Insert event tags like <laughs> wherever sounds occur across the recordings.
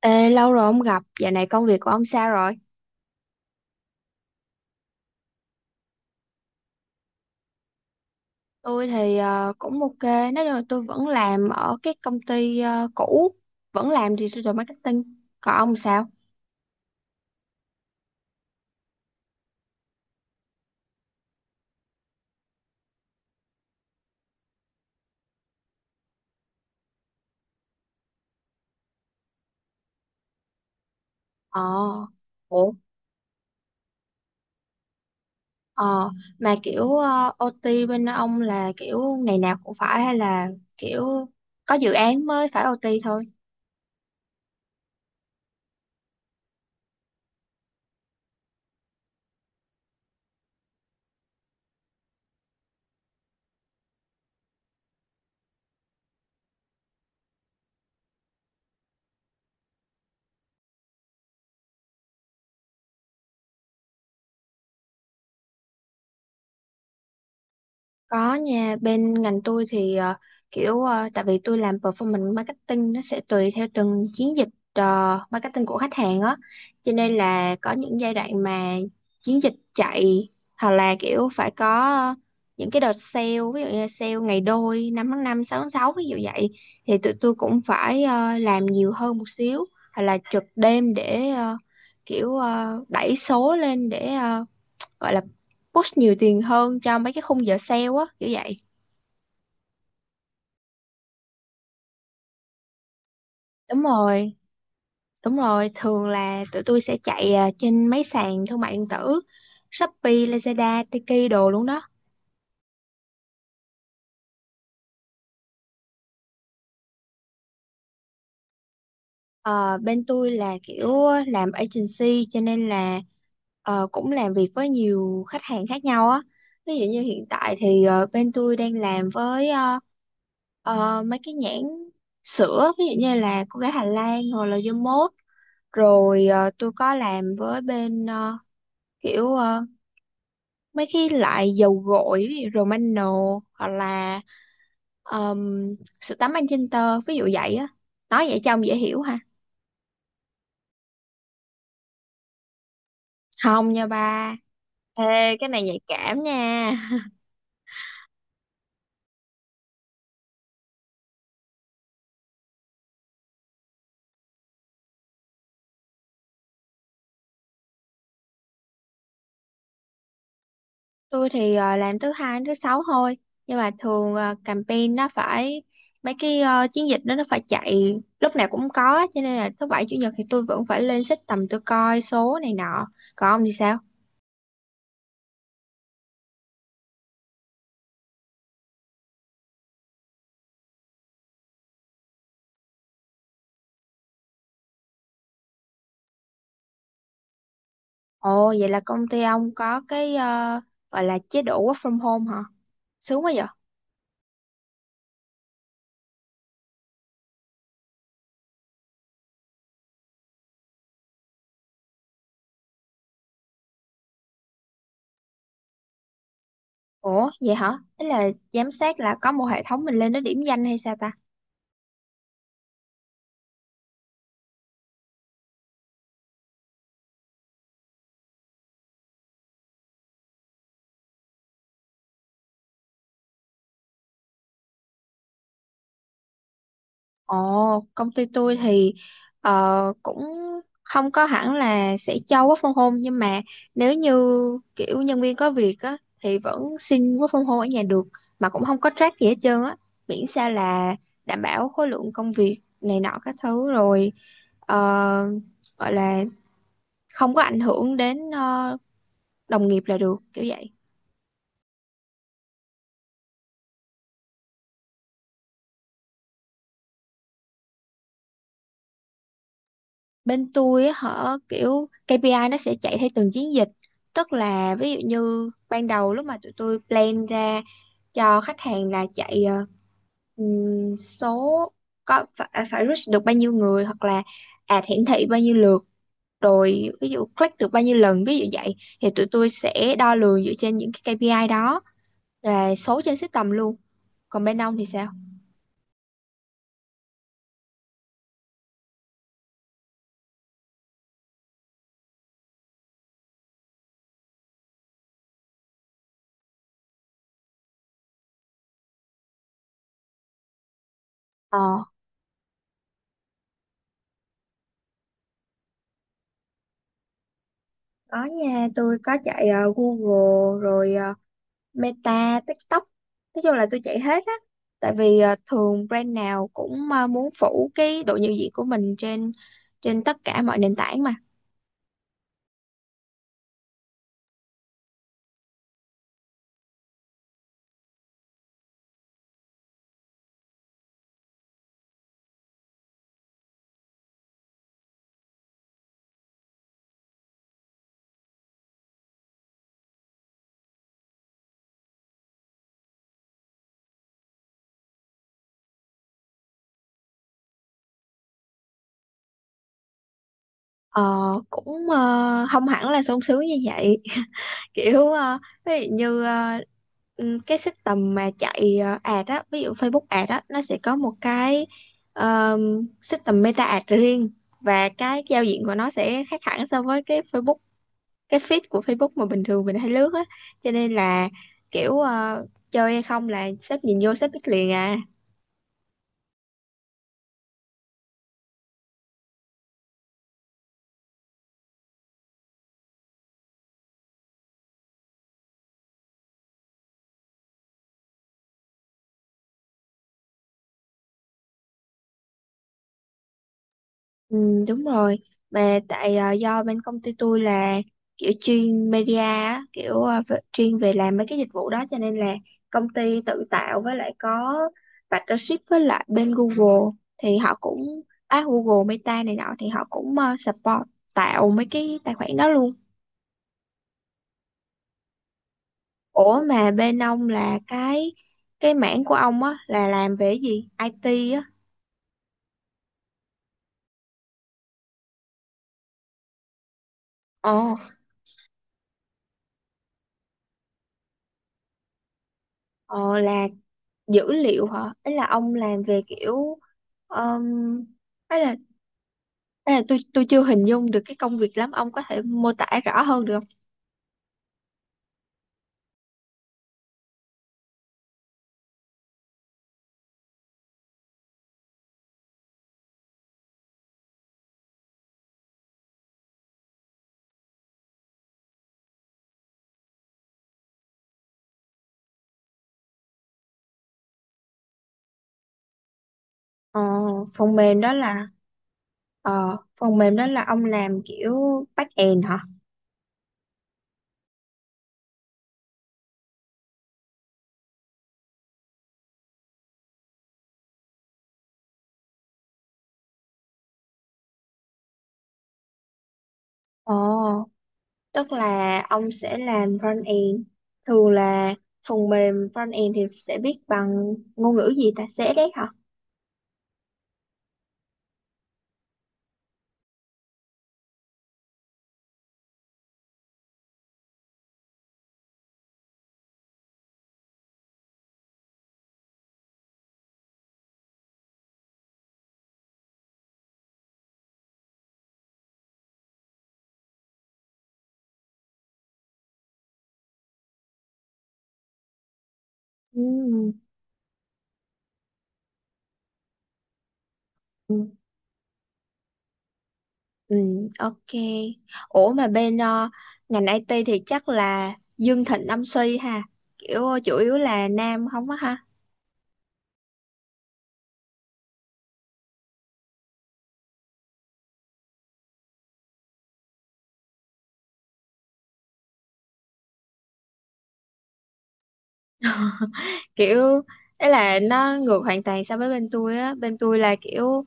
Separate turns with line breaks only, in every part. Ê, lâu rồi không gặp, dạo này công việc của ông sao rồi? Tôi thì cũng ok, nói chung là tôi vẫn làm ở cái công ty cũ, vẫn làm digital marketing. Còn ông sao? Ờ, ủa, ờ, mà kiểu OT bên ông là kiểu ngày nào cũng phải hay là kiểu có dự án mới phải OT thôi? Có nha, bên ngành tôi thì kiểu tại vì tôi làm performance marketing nó sẽ tùy theo từng chiến dịch marketing của khách hàng á. Cho nên là có những giai đoạn mà chiến dịch chạy hoặc là kiểu phải có ờ, những cái đợt sale, ví dụ như sale ngày đôi, 5/5, 6/6 ví dụ vậy, thì tụi tôi cũng phải làm nhiều hơn một xíu hoặc là trực đêm để đẩy số lên để gọi là push nhiều tiền hơn cho mấy cái khung giờ sale á kiểu vậy. Đúng rồi, đúng rồi, thường là tụi tôi sẽ chạy trên mấy sàn thương mại điện tử Shopee, Lazada, Tiki đồ luôn đó. Ờ, bên tôi là kiểu làm agency cho nên là cũng làm việc với nhiều khách hàng khác nhau á, ví dụ như hiện tại thì bên tôi đang làm với mấy cái nhãn sữa ví dụ như là cô gái Hà Lan hoặc là Yamot. Rồi tôi có làm với bên kiểu ờ, mấy cái loại dầu gội ví dụ Romano hoặc là um, sữa tắm anh Magenta ví dụ vậy á. Nói vậy cho ông dễ hiểu ha. Không nha ba. Ê, cái này nhạy cảm nha. <laughs> Tôi thì làm thứ hai đến thứ sáu thôi. Nhưng mà thường campaign nó phải mấy cái chiến dịch đó nó phải chạy lúc nào cũng có, cho nên là thứ bảy chủ nhật thì tôi vẫn phải lên system tôi coi số này nọ. Còn ông thì sao? Ồ, vậy là công ty ông có cái gọi là chế độ work from home hả? Sướng quá vậy. Ủa, vậy hả? Ý là giám sát là có một hệ thống mình lên nó điểm danh hay sao ta? Ồ, công ty tôi thì cũng không có hẳn là sẽ cho work from home, nhưng mà nếu như kiểu nhân viên có việc á thì vẫn xin work from home ở nhà được, mà cũng không có track gì hết trơn á, miễn sao là đảm bảo khối lượng công việc này nọ các thứ rồi ờ, gọi là không có ảnh hưởng đến đồng nghiệp là được kiểu vậy. Bên tôi á hả, kiểu KPI nó sẽ chạy theo từng chiến dịch, tức là ví dụ như ban đầu lúc mà tụi tôi plan ra cho khách hàng là chạy số có phải, phải reach được bao nhiêu người hoặc là ad hiển thị bao nhiêu lượt, rồi ví dụ click được bao nhiêu lần ví dụ vậy, thì tụi tôi sẽ đo lường dựa trên những cái KPI đó, là số trên system luôn. Còn bên ông thì sao? Có nha, tôi có chạy Google rồi Meta, TikTok. Nói chung là tôi chạy hết á. Tại vì thường brand nào cũng muốn phủ cái độ nhận diện của mình trên trên tất cả mọi nền tảng mà. Ờ, cũng không hẳn là sung sướng như vậy. <laughs> Kiểu ví dụ như cái system mà chạy ad á, ví dụ Facebook ad á, nó sẽ có một cái ờ, system Meta ad riêng, và cái giao diện của nó sẽ khác hẳn so với cái Facebook, cái feed của Facebook mà bình thường mình hay lướt á, cho nên là kiểu chơi hay không là sếp nhìn vô sếp biết liền à. Ừ, đúng rồi, mà tại do bên công ty tôi là kiểu chuyên media á, kiểu chuyên về làm mấy cái dịch vụ đó, cho nên là công ty tự tạo, với lại có partnership với lại bên Google, thì họ cũng Google Meta này nọ thì họ cũng support tạo mấy cái tài khoản đó luôn. Ủa mà bên ông là cái mảng của ông á là làm về cái gì? IT á. Ồ, ờ, là dữ liệu hả? Ấy là ông làm về kiểu um, ấy là ấy là tôi chưa hình dung được cái công việc lắm, ông có thể mô tả rõ hơn được không? Ờ, phần mềm đó là phần mềm đó là ông làm kiểu back end hả? Ồ, tức là ông sẽ làm front end. Thường là phần mềm front end thì sẽ viết bằng ngôn ngữ gì ta? CSS hả? Ừ, ừ, ừ, ok. Ủa mà bên ngành IT thì chắc là Dương Thịnh Âm Suy ha. Kiểu chủ yếu là nam không á ha. Kiểu ấy là nó ngược hoàn toàn so với bên tôi á. Bên tôi là kiểu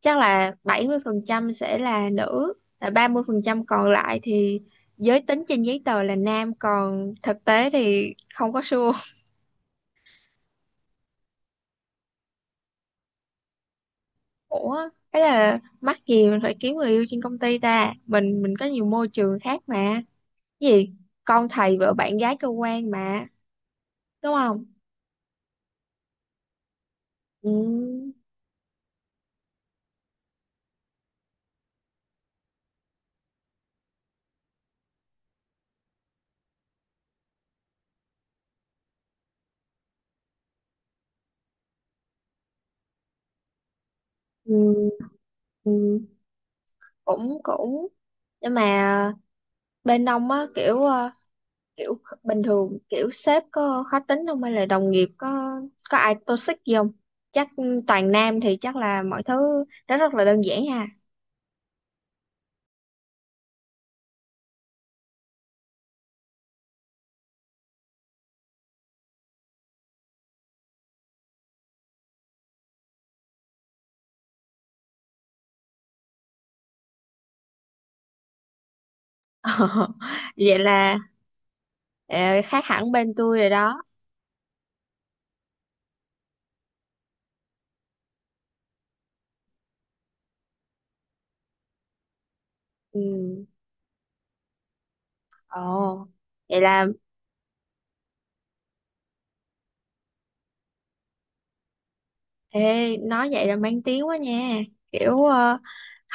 chắc là 70% sẽ là nữ, là 30% còn lại thì giới tính trên giấy tờ là nam, còn thực tế thì không có sure. Ủa, ấy là mắc gì mình phải kiếm người yêu trên công ty ta? Mình có nhiều môi trường khác mà. Cái gì con thầy vợ bạn gái cơ quan mà, đúng không? Ừ, ừ, ừ, cũng cũng nhưng mà bên ông á kiểu kiểu bình thường kiểu sếp có khó tính không hay là đồng nghiệp có ai toxic gì không, chắc toàn nam thì chắc là mọi thứ nó rất là đơn giản ha. <laughs> Vậy là ờ, khác hẳn bên tôi rồi đó. Ừ. Ồ, vậy là Ê, nói vậy là mang tiếng quá nha. Kiểu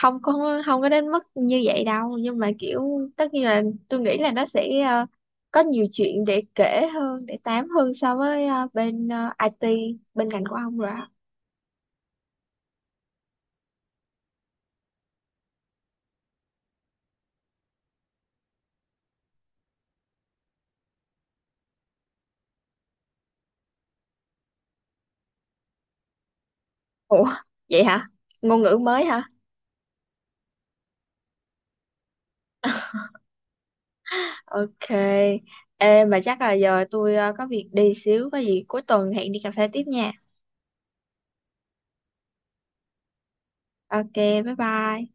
không có đến mức như vậy đâu, nhưng mà kiểu tất nhiên là tôi nghĩ là nó sẽ có nhiều chuyện để kể hơn, để tám hơn so với bên IT, bên ngành của ông rồi. Á. Ủa, vậy hả? Ngôn ngữ mới hả? Ok. Ê, mà chắc là giờ tôi có việc đi xíu, có gì cuối tuần hẹn đi cà phê tiếp nha. Ok, bye bye.